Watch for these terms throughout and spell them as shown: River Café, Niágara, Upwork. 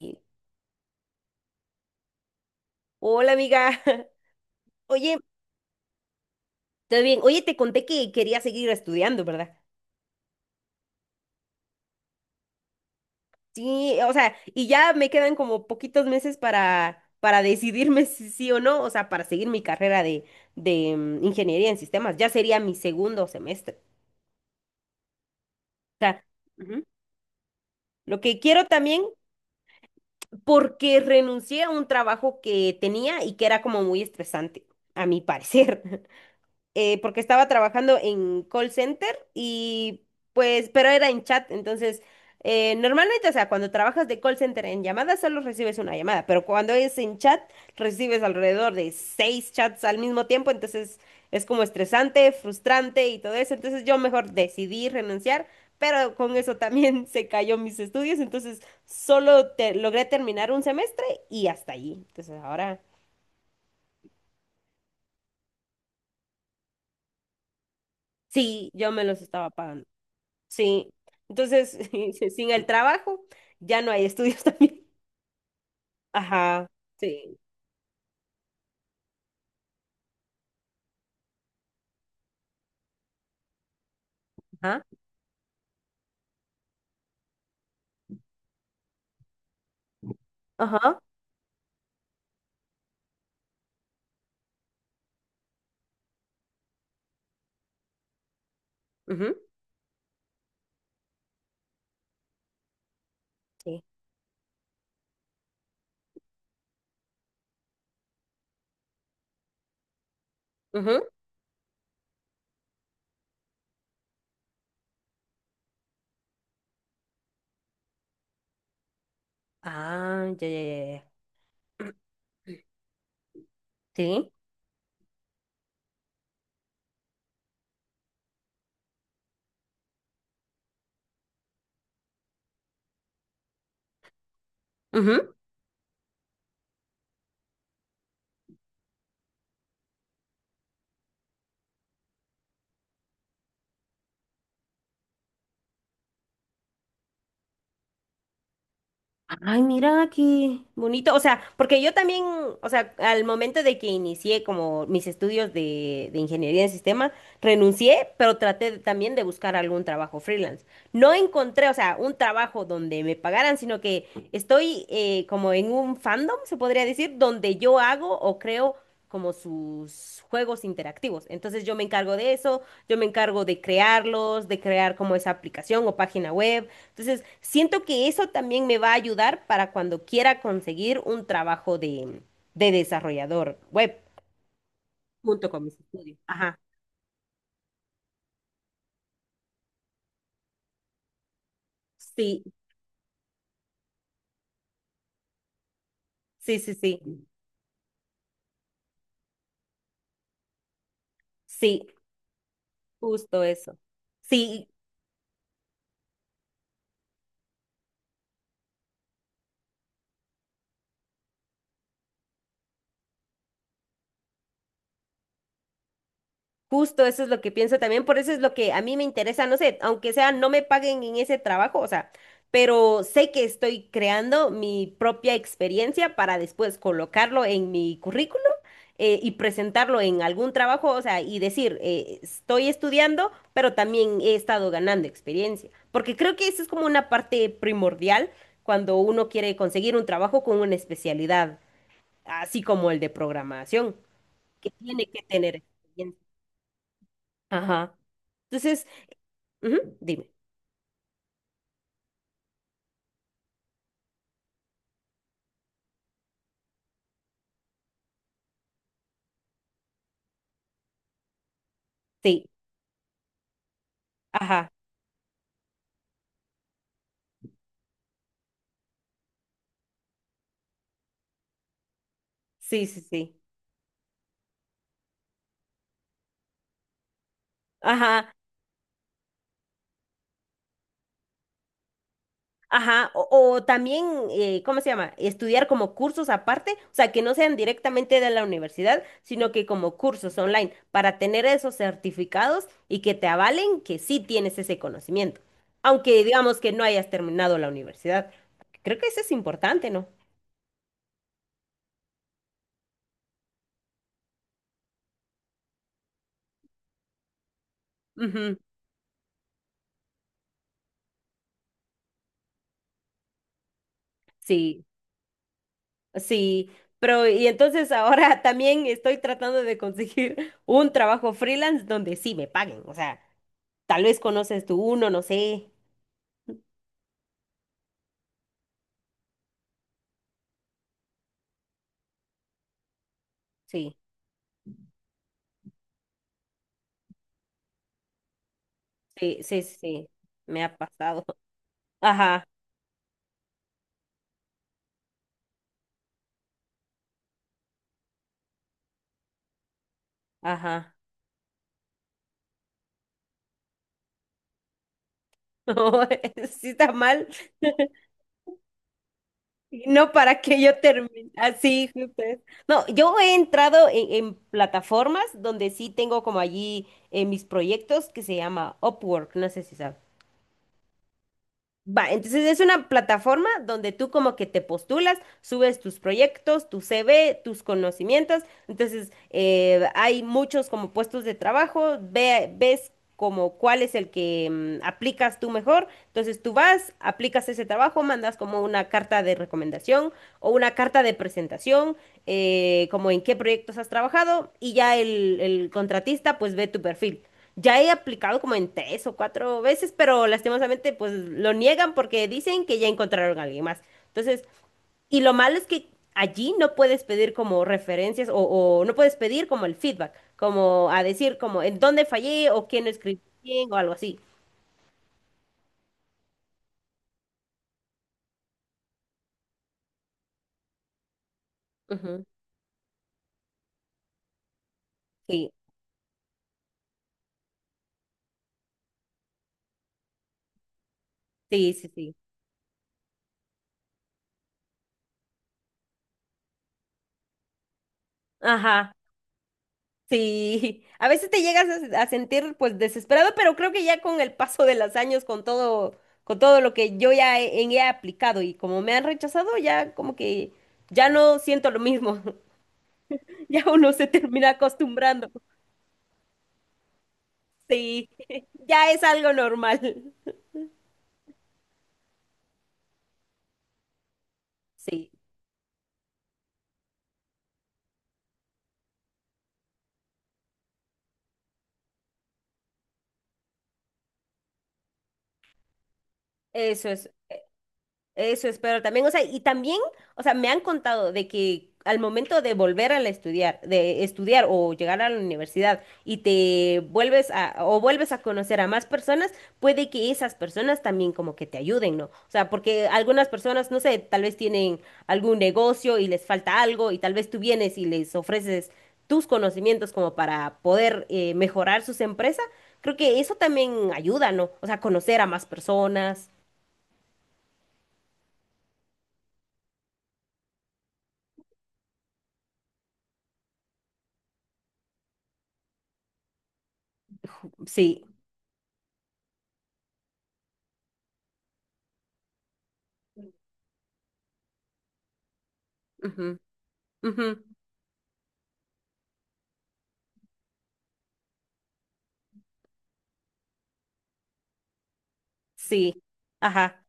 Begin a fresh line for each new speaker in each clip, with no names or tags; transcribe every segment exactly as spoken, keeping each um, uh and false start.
Y, Hola, amiga. Oye, ¿todo bien? Oye, te conté que quería seguir estudiando, ¿verdad? Sí, o sea, y ya me quedan como poquitos meses para, para, decidirme si sí o no, o sea, para seguir mi carrera de, de mm, ingeniería en sistemas. Ya sería mi segundo semestre. O sea, ujú. Lo que quiero también, porque renuncié a un trabajo que tenía y que era como muy estresante, a mi parecer. eh, porque estaba trabajando en call center y pues, pero era en chat, entonces, eh, normalmente, o sea, cuando trabajas de call center en llamadas solo recibes una llamada, pero cuando es en chat recibes alrededor de seis chats al mismo tiempo, entonces es como estresante, frustrante y todo eso, entonces yo mejor decidí renunciar. Pero con eso también se cayó mis estudios, entonces solo te- logré terminar un semestre y hasta allí. Entonces ahora sí, yo me los estaba pagando. Sí, entonces, sin el trabajo, ya no hay estudios también. Ajá, sí. Ajá, ajá, ujú, sí. Ujú. Ah, ya, ya, ya. Ya. Sí. Ujú. Ay, mira qué bonito. O sea, porque yo también, o sea, al momento de que inicié como mis estudios de, de ingeniería en sistema, renuncié, pero traté de- también de buscar algún trabajo freelance. No encontré, o sea, un trabajo donde me pagaran, sino que estoy eh, como en un fandom, se podría decir, donde yo hago o creo como sus juegos interactivos. Entonces yo me encargo de eso, yo me encargo de crearlos, de crear como esa aplicación o página web. Entonces, siento que eso también me va a ayudar para cuando quiera conseguir un trabajo de, de desarrollador web junto con mis estudios. Ajá. Sí, sí, sí, sí. Sí, justo eso. Sí, justo eso es lo que pienso también, por eso es lo que a mí me interesa, no sé, aunque sea no me paguen en ese trabajo, o sea, pero sé que estoy creando mi propia experiencia para después colocarlo en mi currículum eh, y presentarlo en algún trabajo, o sea, y decir, eh, estoy estudiando, pero también he estado ganando experiencia, porque creo que eso es como una parte primordial cuando uno quiere conseguir un trabajo con una especialidad, así como el de programación, que tiene que tener experiencia. Ajá. Entonces, ujú, dime. Sí, ajá, sí, sí, sí. Ajá, ajá. O, o también, eh, ¿cómo se llama? Estudiar como cursos aparte, o sea, que no sean directamente de la universidad, sino que como cursos online, para tener esos certificados y que te avalen que sí tienes ese conocimiento. Aunque digamos que no hayas terminado la universidad. Creo que eso es importante, ¿no? Ujú, sí. Sí, pero y entonces ahora también estoy tratando de conseguir un trabajo freelance donde sí me paguen. O sea, tal vez conoces tú uno, no sé. Sí, sí, sí, sí. Me ha pasado. Ajá, ajá. No, sí está mal. Y no para que yo termine así, justo es. No, yo he entrado en, en plataformas donde sí tengo como allí eh, mis proyectos que se llama Upwork. No sé si sabes. Va, entonces es una plataforma donde tú como que te postulas, subes tus proyectos, tu C V, tus conocimientos. Entonces, eh, hay muchos como puestos de trabajo, ve- ves como cuál es el que mm, aplicas tú mejor. Entonces, tú vas, aplicas ese trabajo, mandas como una carta de recomendación o una carta de presentación, eh, como en qué proyectos has trabajado y ya el, el contratista pues ve tu perfil. Ya he aplicado como en tres o cuatro veces, pero lastimosamente pues lo niegan porque dicen que ya encontraron a alguien más. Entonces, y lo malo es que allí no puedes pedir como referencias o, o no puedes pedir como el feedback, como a decir como en dónde fallé o quién lo escribió bien o algo así. Ujú. Sí, sí, sí, sí. Ajá, sí. A veces te llegas a, se- a sentir pues desesperado, pero creo que ya con el paso de los años, con todo, con todo lo que yo ya he, he aplicado y como me han rechazado, ya como que ya no siento lo mismo. Ya uno se termina acostumbrando. Sí, ya es algo normal. Sí, eso es, eso es, pero también, o sea, y también, o sea, me han contado de que al momento de volver a la estudiar, de estudiar o llegar a la universidad y te vuelves a, o vuelves a conocer a más personas, puede que esas personas también como que te ayuden, ¿no? O sea, porque algunas personas, no sé, tal vez tienen algún negocio y les falta algo y tal vez tú vienes y les ofreces tus conocimientos como para poder eh, mejorar sus empresas, creo que eso también ayuda, ¿no? O sea, conocer a más personas. Sí. Ujú, ujú, sí. Ajá.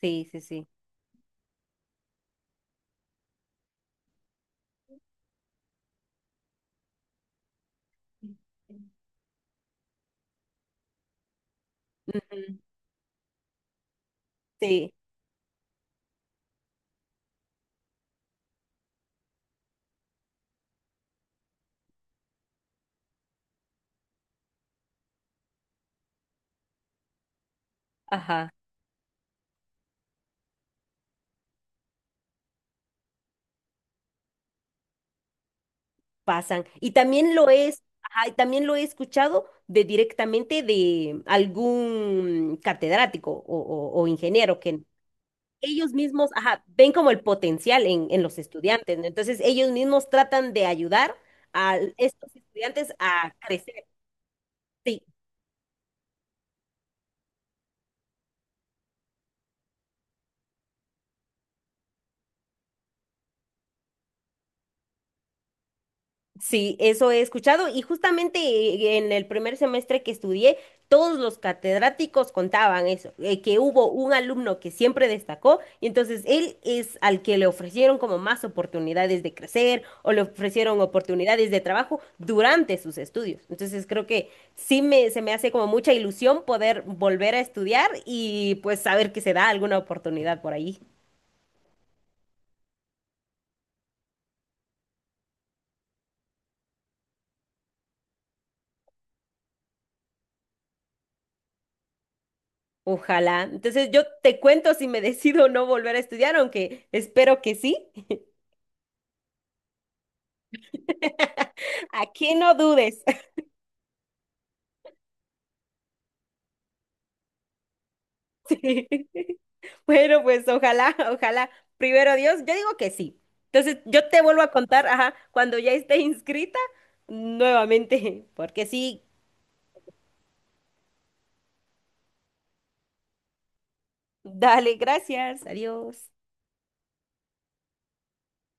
Sí, sí, sí. Sí. Ajá. Pasan. Y también lo es, ajá, y también lo he escuchado de directamente de algún catedrático o, o- o ingeniero que ellos mismos, ajá, ven como el potencial en, en los estudiantes, ¿no? Entonces ellos mismos tratan de ayudar a estos estudiantes a crecer. Sí. Sí, eso he escuchado y justamente eh, en el primer semestre que estudié, todos los catedráticos contaban eso, eh, que hubo un alumno que siempre destacó y entonces él es al que le ofrecieron como más oportunidades de crecer o le ofrecieron oportunidades de trabajo durante sus estudios. Entonces creo que sí me, se me hace como mucha ilusión poder volver a estudiar y pues saber que se da alguna oportunidad por ahí. Ojalá. Entonces yo te cuento si me decido no volver a estudiar, aunque espero que sí. Aquí no dudes. Bueno, pues ojalá, ojalá. Primero Dios, yo digo que sí. Entonces, yo te vuelvo a contar, ajá, cuando ya esté inscrita, nuevamente, porque sí. Dale, gracias. Adiós.